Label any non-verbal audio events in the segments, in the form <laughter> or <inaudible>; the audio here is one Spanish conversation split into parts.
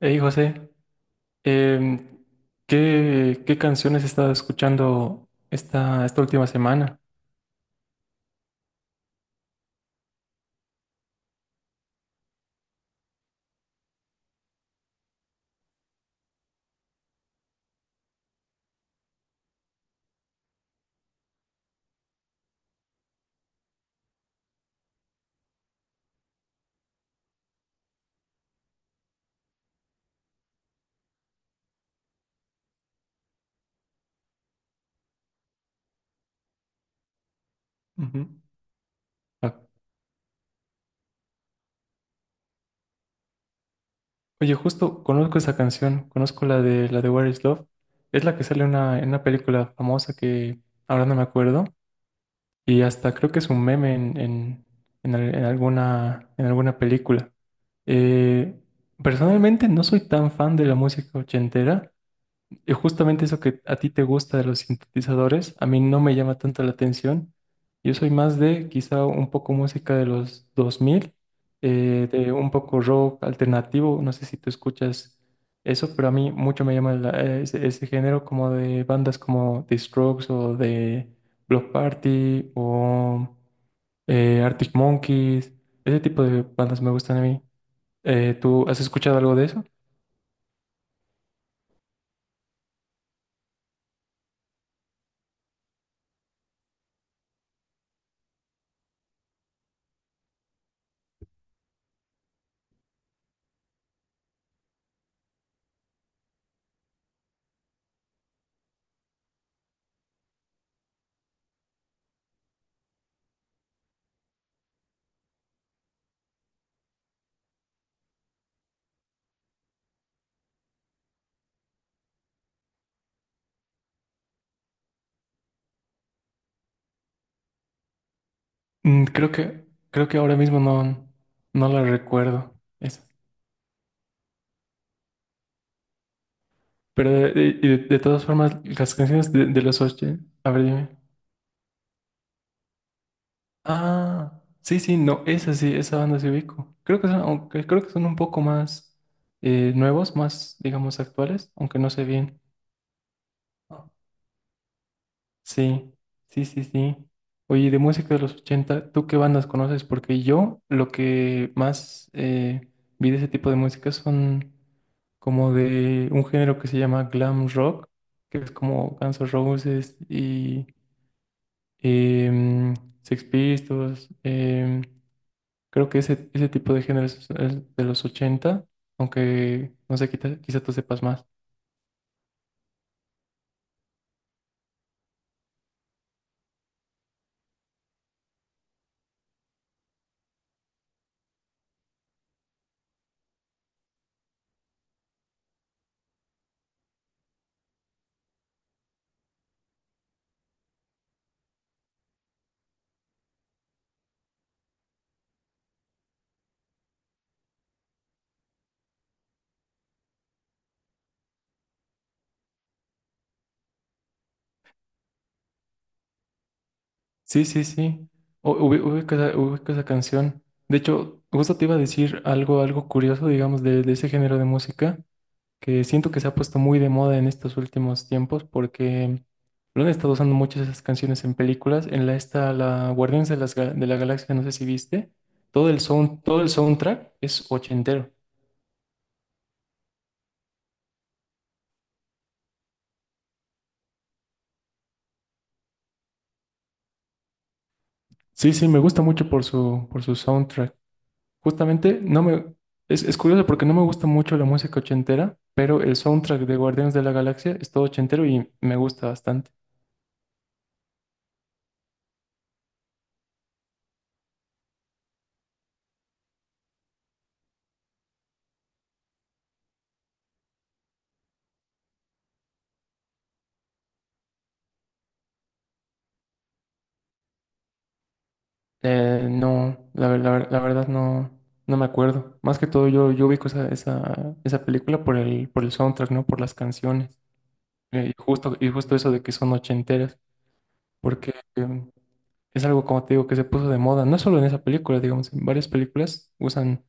Hey José, em, ¿qué canciones has estado escuchando esta última semana? Ujú. Ah, Oye, justo conozco esa canción, conozco la de Where is Love. Es la que sale en en una película famosa que ahora no me acuerdo. Y hasta creo que es un meme en en alguna película. Eh, Personalmente no soy tan fan de la música ochentera. Y justamente eso que a ti te gusta de los sintetizadores, a mí no me llama tanto la atención. Yo soy más de quizá un poco música de los 2000, de un poco rock alternativo. No sé si tú escuchas eso, pero a mí mucho me llama ese género como de bandas como The Strokes o de Block Party o Arctic Monkeys. Ese tipo de bandas me gustan a mí. ¿Tú has escuchado algo de eso? Mm, creo creo que ahora mismo no, no la recuerdo. Esa. Pero de todas formas, las canciones de los ocho, a ver, dime. Ah, sí, sí, no, esa sí, esa banda se ubico. Creo que son, aunque creo que son un poco más nuevos, más, digamos, actuales, aunque no sé bien. Sí, sí, sí, sí. Oye, de música de los 80, ¿tú qué bandas conoces? Porque yo lo que más vi de ese tipo de música son como de un género que se llama glam rock, que es como Guns N' Roses y em, Sex Pistols. Creo que ese tipo de géneros es de los 80, aunque no sé, quizá tú sepas más. Sí, sí, sí. Ubico ubico esa canción. De hecho, justo te iba a decir algo curioso, digamos, de ese género de música, que siento que se ha puesto muy de moda en estos últimos tiempos, porque lo han estado usando muchas esas canciones en películas. En la Guardianes de, de la Galaxia, no sé si viste, todo el soundtrack es ochentero. Sí, sí, me gusta mucho por su soundtrack. Justamente, no me, es curioso porque no me gusta mucho la música ochentera, pero el soundtrack de Guardianes de la Galaxia es todo ochentero y me gusta bastante. No, la verdad no, no me acuerdo. Más que todo yo, yo ubico esa película por el soundtrack, ¿no? Por las canciones. Y justo eso de que son ochenteras, porque es algo, como te digo, que se puso de moda. No solo en esa película, digamos, en varias películas usan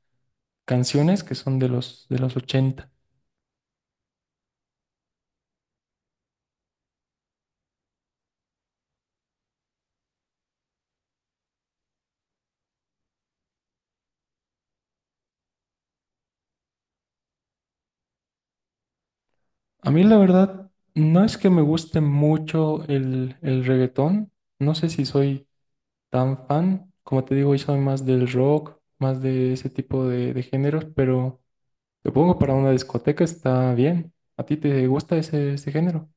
canciones que son de de los ochenta. A mí la verdad no es que me guste mucho el reggaetón, no sé si soy tan fan, como te digo, yo soy más del rock, más de ese tipo de géneros, pero supongo para una discoteca está bien. ¿A ti te gusta ese género?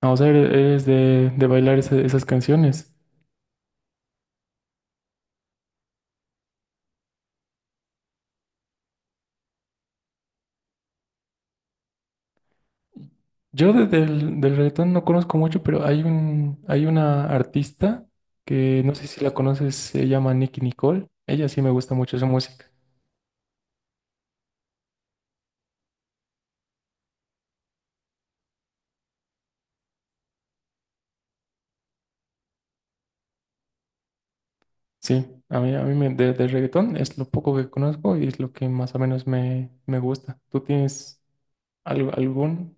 Ah, o sea, eres de bailar esas canciones. Yo del reggaetón no conozco mucho, pero hay hay una artista que no sé si la conoces, se llama Nicki Nicole. Ella sí me gusta mucho su música. Sí, a mí de reggaetón es lo poco que conozco y es lo que más o menos me gusta. ¿Tú tienes algún?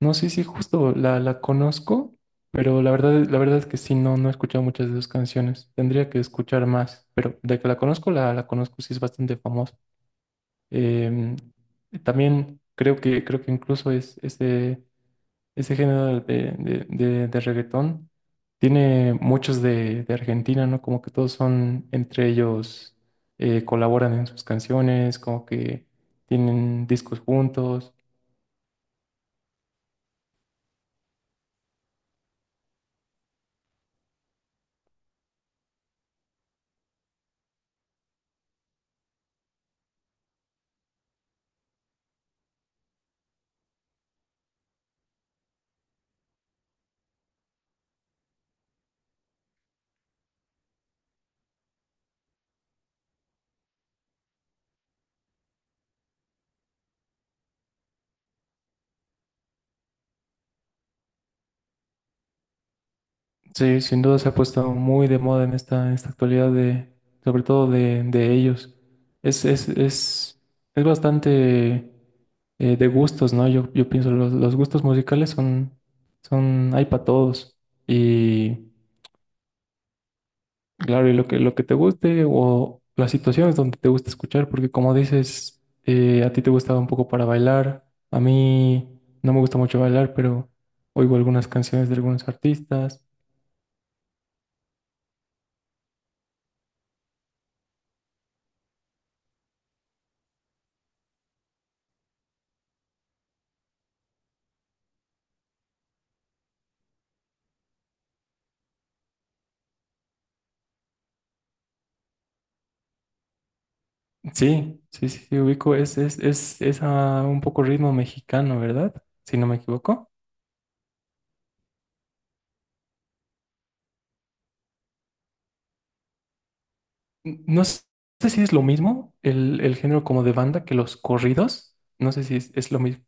No sé si justo la conozco, pero la verdad es que sí, no, no he escuchado muchas de sus canciones. Tendría que escuchar más, pero de que la conozco, la conozco, sí es bastante famosa. Em, También creo creo que incluso es ese. Ese género de reggaetón tiene muchos de Argentina, ¿no? Como que todos son entre ellos, colaboran en sus canciones, como que tienen discos juntos. Sí, sin duda se ha puesto muy de moda en en esta actualidad, de, sobre todo de ellos. Es, es, es, es bastante de gustos, ¿no? Yo pienso, los gustos musicales son, hay para todos. Y. Claro, y lo que te guste o las situaciones donde te gusta escuchar, porque como dices, a ti te gustaba un poco para bailar, a mí no me gusta mucho bailar, pero oigo algunas canciones de algunos artistas. Sí, sí, sí, sí, ubico, es a un poco ritmo mexicano, ¿verdad? Si no me equivoco. N- No s- Sé si es lo mismo el género como de banda que los corridos, no sé si es lo mismo.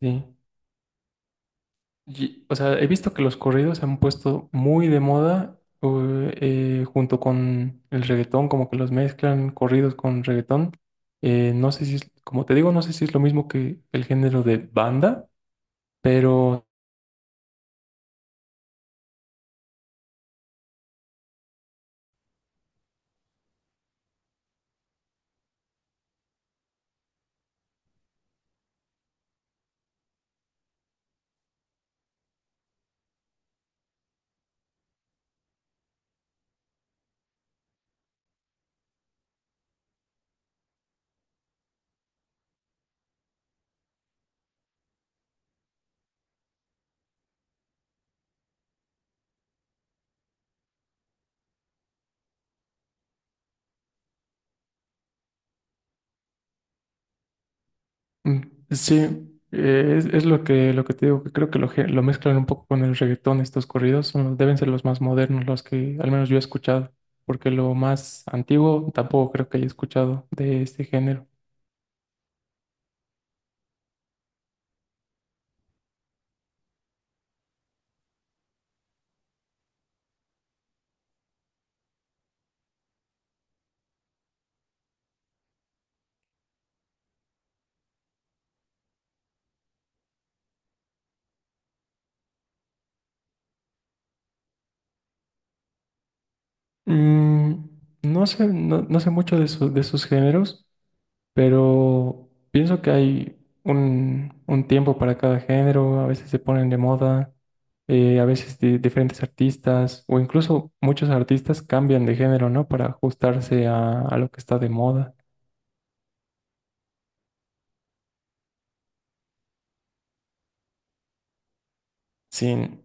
Sí. Y, o sea, he visto que los corridos se han puesto muy de moda junto con el reggaetón, como que los mezclan corridos con reggaetón. No sé si es, como te digo, no sé si es lo mismo que el género de banda, pero mm, sí, es lo lo que te digo, que creo que lo mezclan un poco con el reggaetón estos corridos. Son deben ser los más modernos, los que al menos yo he escuchado, porque lo más antiguo tampoco creo que haya escuchado de este género. Mm, no sé, no, no sé mucho de sus géneros, pero pienso que hay un tiempo para cada género, a veces se ponen de moda, a veces diferentes artistas o incluso muchos artistas cambian de género, ¿no? Para ajustarse a lo que está de moda. Sí,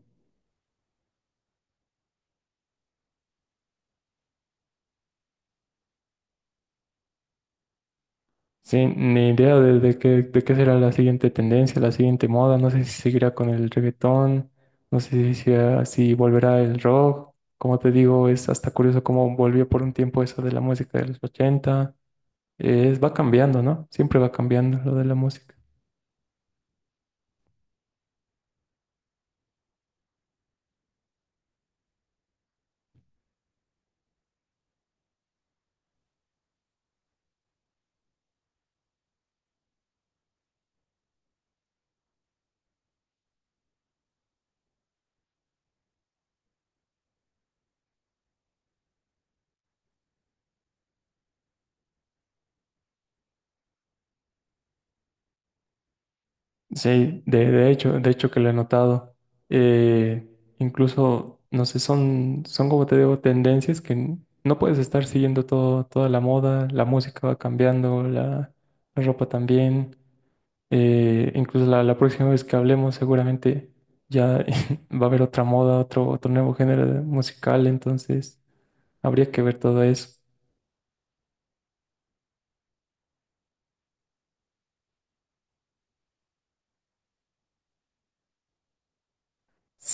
sí, ni idea de qué será la siguiente tendencia, la siguiente moda. No sé si seguirá con el reggaetón, no sé si volverá el rock. Como te digo, es hasta curioso cómo volvió por un tiempo eso de la música de los 80. Va cambiando, ¿no? Siempre va cambiando lo de la música. Sí, de hecho que lo he notado. Eh, Incluso, no sé, son como te digo, tendencias que no puedes estar siguiendo todo, toda la moda, la música va cambiando, la ropa también. Incluso la próxima vez que hablemos seguramente ya <laughs> va a haber otra moda, otro nuevo género musical, entonces habría que ver todo eso.